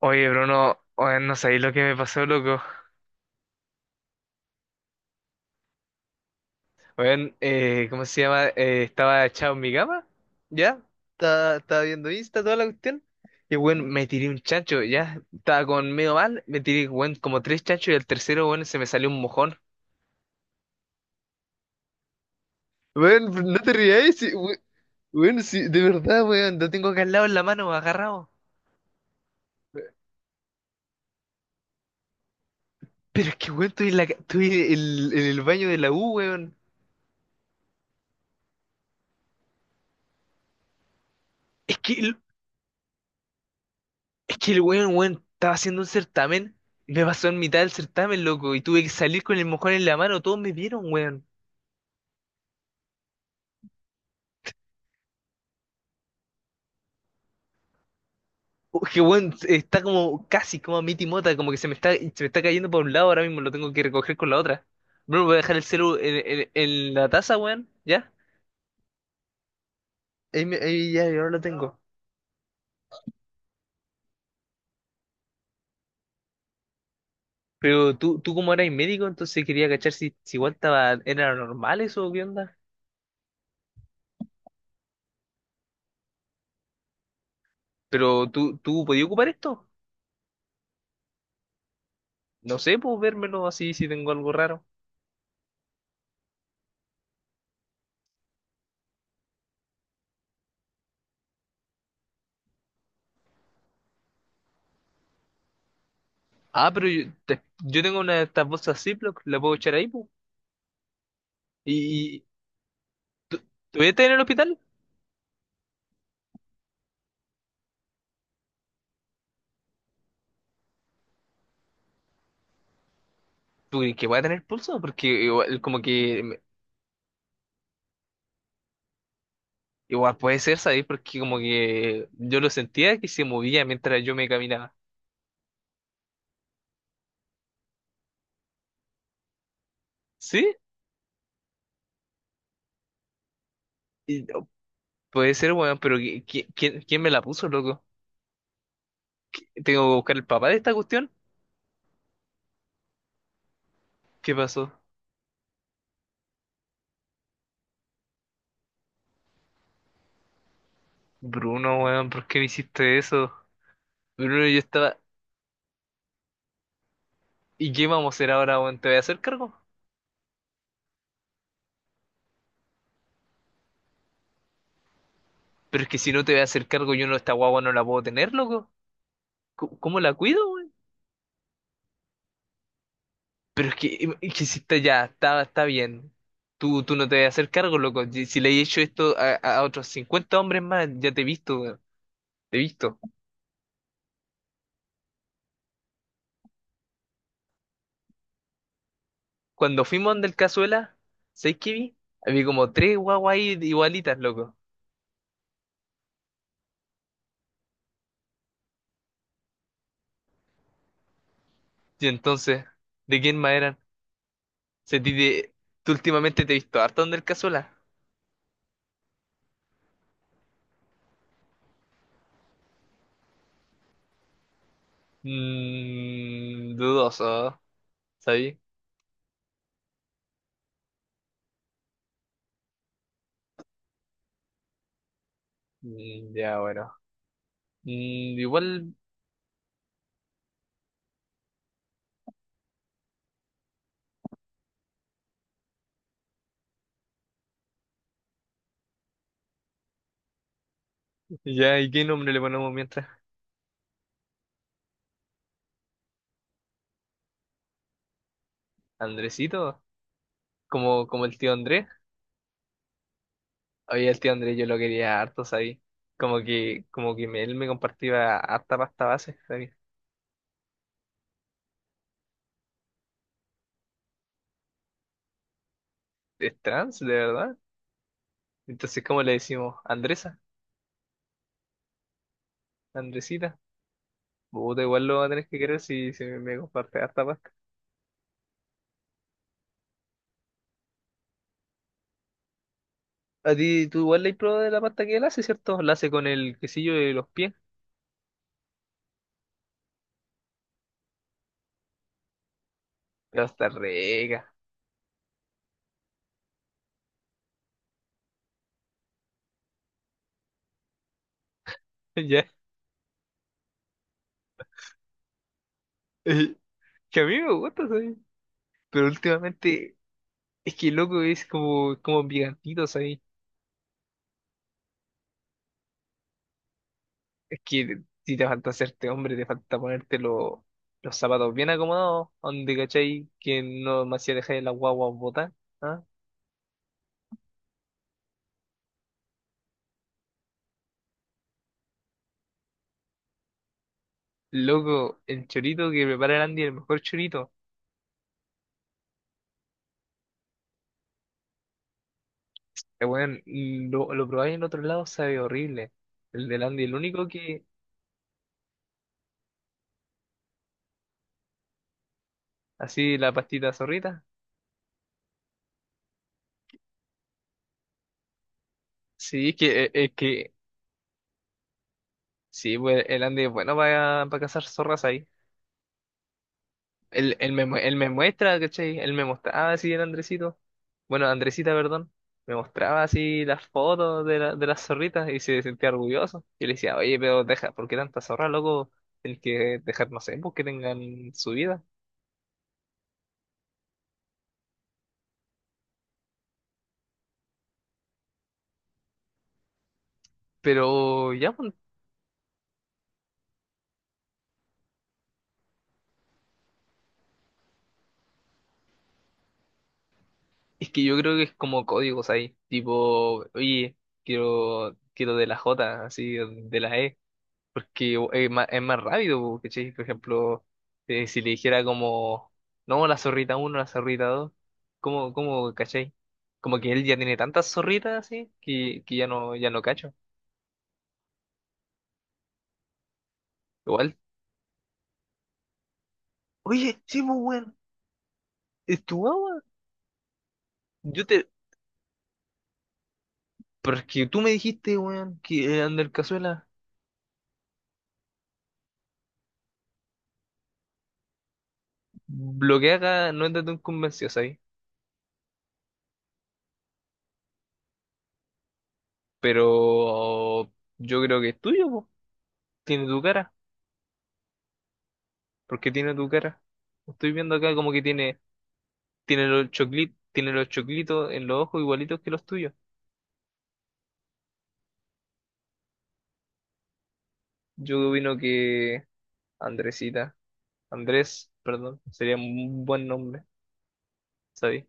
Oye, Bruno, oye, no sabéis lo que me pasó, loco. Oye, ¿cómo se llama? Estaba echado en mi cama, ¿ya? Estaba viendo Insta, toda la cuestión. Y, bueno, me tiré un chancho, ¿ya? Estaba con medio mal, me tiré, bueno, como tres chanchos y el tercero, bueno, se me salió un mojón. Bueno, no te rías, sí, weón, sí, de verdad, weón, lo tengo acá al lado en la mano, agarrado. Pero es que, weón, estoy en, estoy en el baño de la U, weón. Es que Es que el weón, weón, estaba haciendo un certamen, me pasó en mitad del certamen, loco, y tuve que salir con el mojón en la mano, todos me vieron, weón. Oh, que weón, está como casi como a mi timota, como que se me está cayendo por un lado, ahora mismo lo tengo que recoger con la otra. Bruno, voy a dejar el celu en, en la taza, weón, ¿ya? Ahí, ahí ya, yo ahora lo tengo. Pero tú como eras médico, entonces quería cachar si, si igual estaba, era normal eso, o ¿qué onda? Pero tú podías ocupar esto. No sé, puedo vérmelo así si tengo algo raro. Ah, pero yo, yo tengo una de estas bolsas Ziploc, la puedo echar ahí, pu. ¿Y te voy a tener en el hospital? ¿Tú crees que voy a tener pulso? Porque igual, como que, igual puede ser, ¿sabes? Porque como que yo lo sentía que se movía mientras yo me caminaba. ¿Sí? Y- Puede ser, weón, pero ¿quién, quién me la puso, loco? ¿Tengo que buscar el papá de esta cuestión? ¿Qué pasó? Bruno, weón, ¿por qué me hiciste eso? Bruno, yo estaba… ¿Y qué vamos a hacer ahora, weón? ¿Te voy a hacer cargo? Pero es que si no te voy a hacer cargo, yo no, esta guagua no la puedo tener, loco. ¿Cómo la cuido, güey? Pero es que si está ya, está bien. Tú no te vas a hacer cargo, loco. Si le he hecho esto a otros cincuenta hombres más, ya te he visto, weón. Te he visto. Cuando fuimos donde el Cazuela, ¿sabes qué vi? Había como tres guaguas ahí igualitas, loco. Y entonces, ¿de quién más eran? Se ti de- ¿Tú últimamente te he visto harto donde el Cazuela? Mmm, dudoso, ¿sabes? Mm, ya, bueno. Mm, igual, ya, ¿y qué nombre le ponemos mientras? ¿Andresito? Como, como el tío Andrés. Oye, el tío Andrés yo lo quería harto, ¿sabes? Como que, él me compartía harta pasta base, ¿sabes? Es trans, de verdad. Entonces, ¿cómo le decimos? Andresa, Andresita. Puta, igual lo va a tener que querer si, si me comparte harta pasta. A ti, tú igual le has probado de la pasta que él hace, ¿cierto? La hace con el quesillo de los pies. Pero está rica. Ya. Eh, Que a mí me gusta, ¿sabes? Pero últimamente, es que loco es como, como picantito, ¿sabes? Es que si te falta hacerte hombre, te falta ponerte los zapatos bien acomodados, donde cachai que no me hacía dejar la guagua botar. ¿Ah? Loco, el chorito que prepara el Andy, el mejor chorito. Weón, lo probáis en otro lado, sabe horrible. El del Andy, el único que, así la pastita zorrita. Sí, es que, es que, sí, pues el Andy es bueno para cazar zorras ahí. Él, él me muestra, ¿cachai? Él me mostraba así el Andresito. Bueno, Andresita, perdón. Me mostraba así las fotos de, de las zorritas y se sentía orgulloso. Y le decía, oye, pero deja, ¿por qué tanta zorra, loco? El que dejar, no sé, pues que tengan su vida. Pero ya, pues, es que yo creo que es como códigos ahí. Tipo, oye, quiero de la J, así, de la E. Porque es más rápido, po, ¿cachai? Por ejemplo, si le dijera como, no, la zorrita uno, la zorrita dos, ¿cómo, cómo, cachai? Como que él ya tiene tantas zorritas así que ya no, ya no cacho. Igual, oye, sí, pues, weón, es tu guagua. Yo te, porque tú me dijiste, weón, que Ander Cazuela, lo que haga no es de tu convencido, ¿sabes? Pero yo creo que es tuyo, po. Tiene tu cara, porque tiene tu cara. Estoy viendo acá como que tiene. Tiene los choclitos en los ojos igualitos que los tuyos. Yo opino que Andresita, Andrés, perdón, sería un buen nombre, ¿sabes?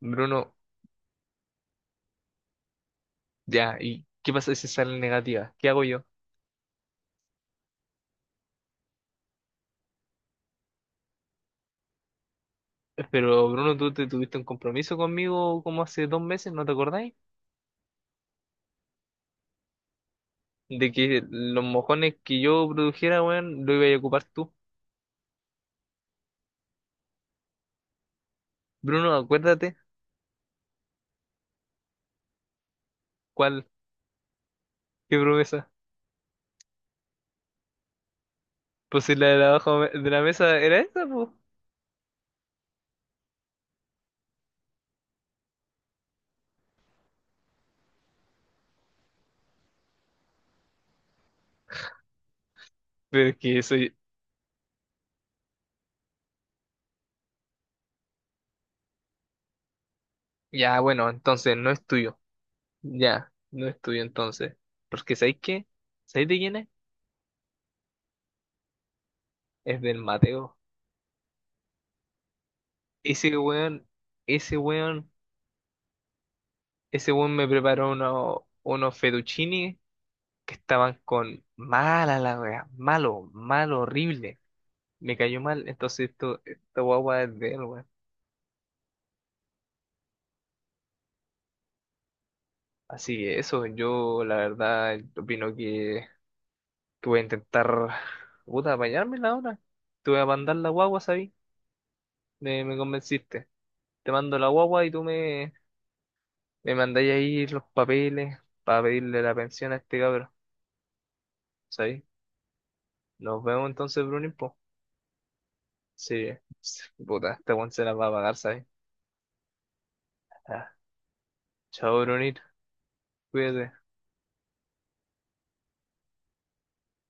Bruno, ya, ¿y qué pasa si sale negativa? ¿Qué hago yo? Pero Bruno, tú te tuviste un compromiso conmigo como hace dos meses, ¿no te acordáis? De que los mojones que yo produjera, weón, lo iba a ocupar tú. Bruno, acuérdate, ¿cuál? ¿Qué promesa? Pues si la de la abajo de la mesa era esa, pues. Pero es que eso… Ya, bueno, entonces no es tuyo. Ya, no es tuyo entonces. Porque ¿sabéis qué? ¿Sabéis de quién es? Es del Mateo. Ese weón, ese weón, ese weón me preparó unos fettuccini que estaban con mala la wea, malo, malo, horrible. Me cayó mal, entonces esto, esta guagua es de él, weón. Así que eso, yo la verdad opino que voy a intentar, puta, apañármela ahora. Te voy a mandar la guagua, ¿sabí? Me convenciste. Te mando la guagua y tú me, me mandáis ahí los papeles para pedirle la pensión a este cabrón, ¿sabes? Nos vemos entonces, Brunín, po. Sí, sí, puta, este weón se la va a pagar, ¿sabes? Ah, chao, Brunín, cuídate.